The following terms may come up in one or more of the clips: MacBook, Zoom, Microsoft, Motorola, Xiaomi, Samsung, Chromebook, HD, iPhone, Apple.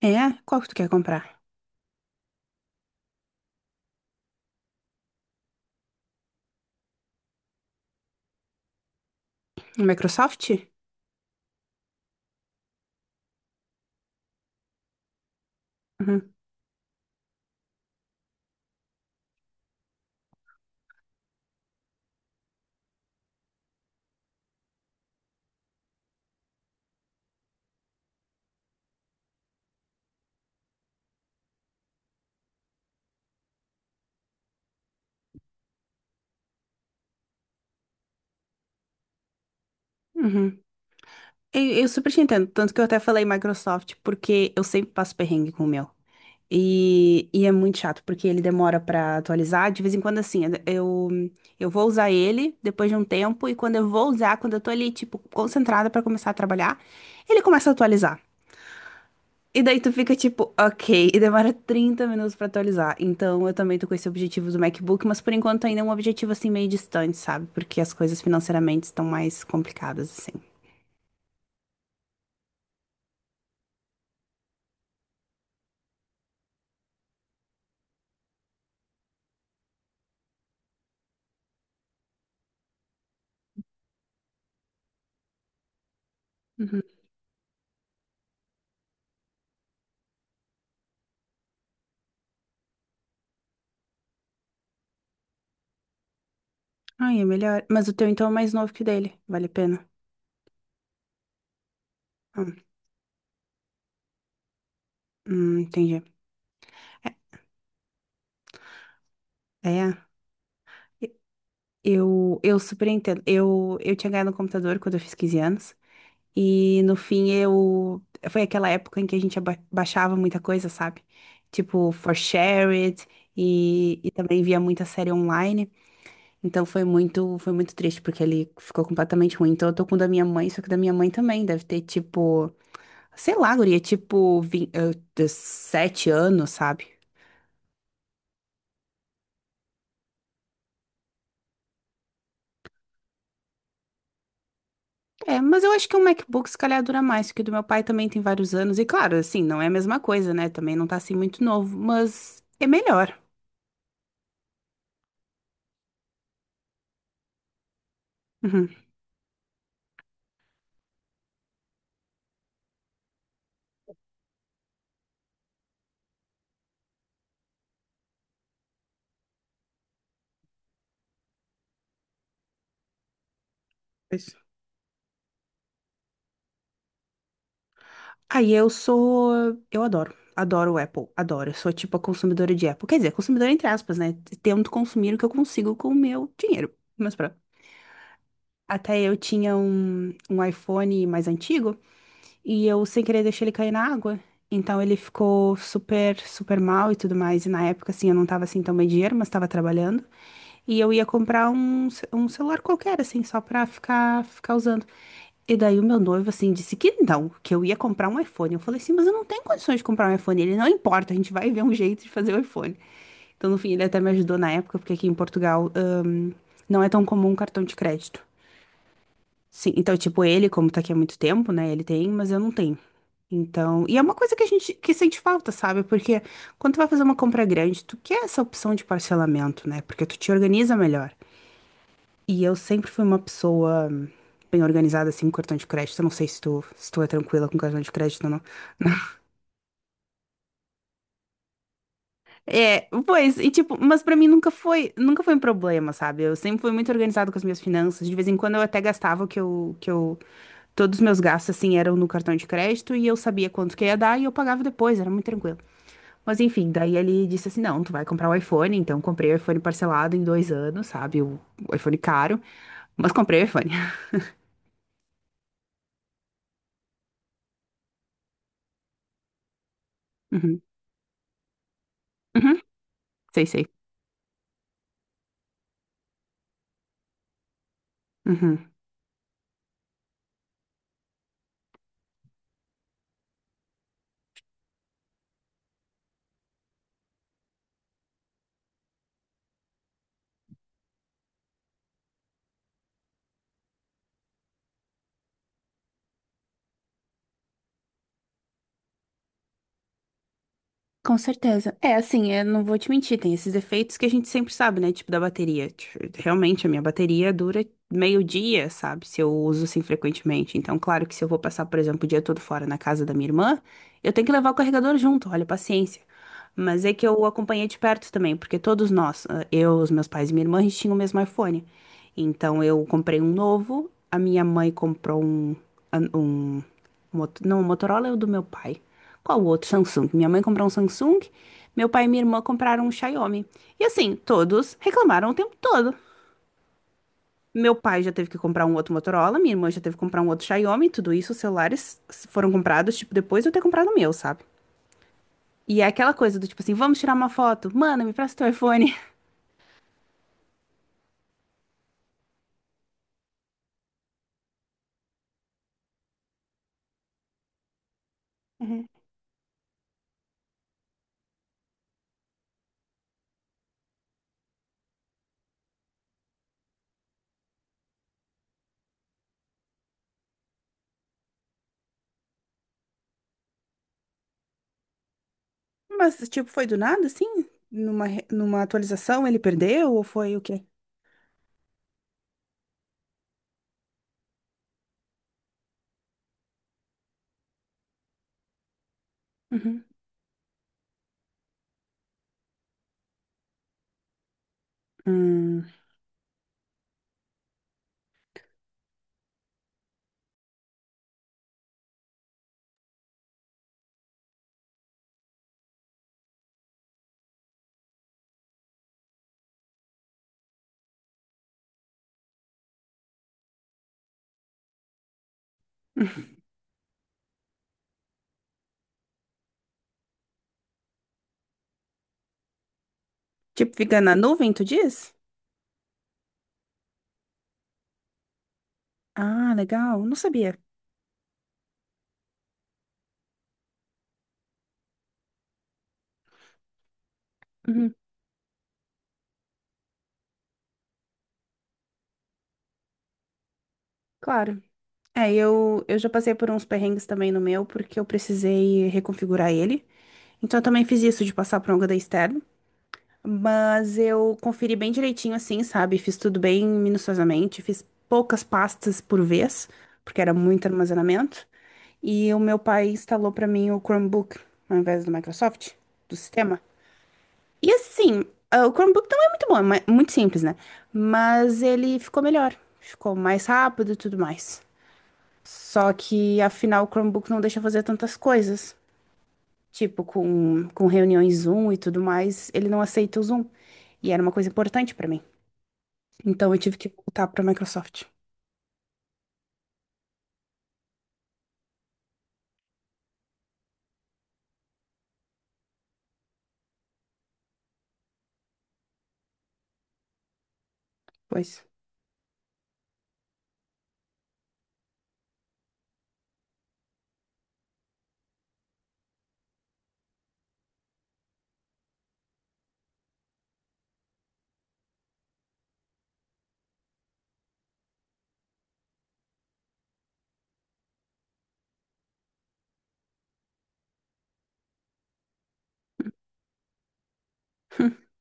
É? Qual que tu quer comprar? Um Microsoft? Uhum. Uhum. Eu super te entendo, tanto que eu até falei Microsoft, porque eu sempre passo perrengue com o meu. E é muito chato, porque ele demora pra atualizar. De vez em quando, assim, eu vou usar ele depois de um tempo, e quando eu vou usar, quando eu tô ali, tipo, concentrada pra começar a trabalhar, ele começa a atualizar. E daí tu fica tipo, ok, e demora 30 minutos pra atualizar. Então eu também tô com esse objetivo do MacBook, mas por enquanto ainda é um objetivo assim meio distante, sabe? Porque as coisas financeiramente estão mais complicadas assim. Uhum. Ai, é melhor. Mas o teu então é mais novo que o dele, vale a pena. Ah, entendi. É, eu super entendo. Eu tinha ganhado um computador quando eu fiz 15 anos. E no fim eu. Foi aquela época em que a gente baixava muita coisa, sabe? Tipo, For Share It e também via muita série online. Então foi muito triste, porque ele ficou completamente ruim. Então eu tô com o da minha mãe, só que o da minha mãe também deve ter tipo, sei lá, guria, tipo, 7 anos, sabe? É, mas eu acho que o MacBook se calhar dura mais, porque o do meu pai também tem vários anos. E claro, assim, não é a mesma coisa, né? Também não tá assim muito novo, mas é melhor. Uhum. Aí eu sou. Eu adoro. Adoro o Apple. Adoro. Eu sou tipo a consumidora de Apple. Quer dizer, consumidora entre aspas, né? Tento consumir o que eu consigo com o meu dinheiro. Mas pronto. Até eu tinha um iPhone mais antigo e eu sem querer deixei ele cair na água. Então ele ficou super, super mal e tudo mais. E na época, assim, eu não tava assim tão bem de dinheiro, mas tava trabalhando. E eu ia comprar um celular qualquer, assim, só pra ficar usando. E daí o meu noivo, assim, disse que não, que eu ia comprar um iPhone. Eu falei assim, mas eu não tenho condições de comprar um iPhone. Ele, não importa, a gente vai ver um jeito de fazer o iPhone. Então, no fim, ele até me ajudou na época, porque aqui em Portugal, não é tão comum cartão de crédito. Sim, então, tipo, ele, como tá aqui há muito tempo, né, ele tem, mas eu não tenho. Então, e é uma coisa que a gente que sente falta, sabe? Porque quando tu vai fazer uma compra grande, tu quer essa opção de parcelamento, né? Porque tu te organiza melhor. E eu sempre fui uma pessoa bem organizada, assim, com cartão de crédito. Eu não sei se tu é tranquila com cartão de crédito ou não. É, pois, e tipo, mas pra mim nunca foi um problema, sabe? Eu sempre fui muito organizada com as minhas finanças. De vez em quando eu até gastava o que eu, todos os meus gastos, assim, eram no cartão de crédito e eu sabia quanto que ia dar e eu pagava depois, era muito tranquilo. Mas enfim, daí ele disse assim, não, tu vai comprar o iPhone, então comprei o iPhone parcelado em 2 anos, sabe? O iPhone caro, mas comprei o iPhone. Uhum. Uhum. Sei, sei. Uhum. Com certeza. É, assim, eu não vou te mentir, tem esses efeitos que a gente sempre sabe, né? Tipo da bateria. Tipo, realmente, a minha bateria dura meio dia, sabe? Se eu uso assim frequentemente. Então, claro que se eu vou passar, por exemplo, o dia todo fora na casa da minha irmã, eu tenho que levar o carregador junto, olha, paciência. Mas é que eu acompanhei de perto também, porque todos nós, eu, os meus pais e minha irmã, a gente tinha o mesmo iPhone. Então, eu comprei um novo, a minha mãe comprou um Não, o Motorola é o do meu pai. Qual o outro? Samsung. Minha mãe comprou um Samsung, meu pai e minha irmã compraram um Xiaomi. E assim, todos reclamaram o tempo todo. Meu pai já teve que comprar um outro Motorola, minha irmã já teve que comprar um outro Xiaomi, tudo isso, os celulares foram comprados, tipo, depois de eu ter comprado o meu, sabe? E é aquela coisa do tipo assim, vamos tirar uma foto? Mano, me presta teu iPhone. Uhum. Mas, tipo, foi do nada, assim? Numa atualização ele perdeu ou foi o quê? Uhum. Hum. Tipo, fica na nuvem, tu diz? Ah, legal. Não sabia. Uhum, claro. É, eu já passei por uns perrengues também no meu, porque eu precisei reconfigurar ele. Então eu também fiz isso de passar por um HD externo. Mas eu conferi bem direitinho assim, sabe? Fiz tudo bem minuciosamente, fiz poucas pastas por vez, porque era muito armazenamento. E o meu pai instalou pra mim o Chromebook, ao invés do Microsoft, do sistema. E assim, o Chromebook não é muito bom, é muito simples, né? Mas ele ficou melhor, ficou mais rápido e tudo mais. Só que, afinal, o Chromebook não deixa fazer tantas coisas. Tipo, com reuniões Zoom e tudo mais, ele não aceita o Zoom. E era uma coisa importante pra mim. Então eu tive que voltar pra Microsoft. Pois.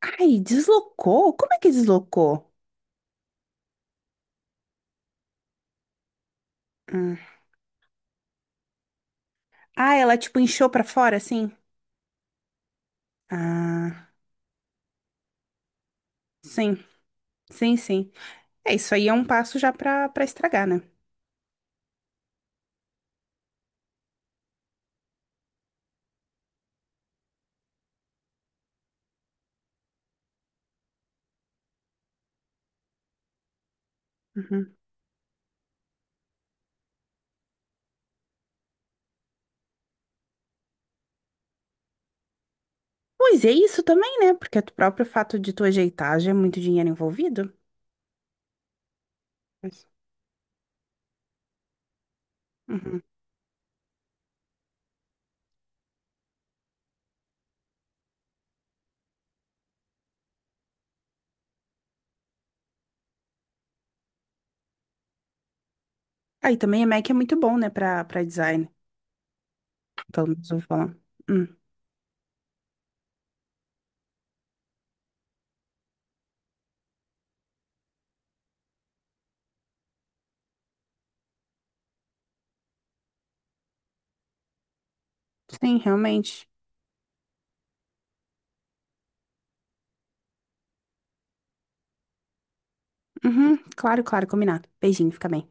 Ai, deslocou? Como é que deslocou? Hum. Ah, ela tipo inchou pra fora, assim? Ah, sim, sim, sim. É, isso aí é um passo já pra, estragar, né? Uhum. Pois é isso também, né? Porque o próprio fato de tu ajeitar já é muito dinheiro envolvido. Mas, uhum. Aí também a Mac é muito bom, né, pra design. Pelo menos eu vou falar. Hum. Sim, realmente. Uhum. Claro, claro, combinado. Beijinho, fica bem.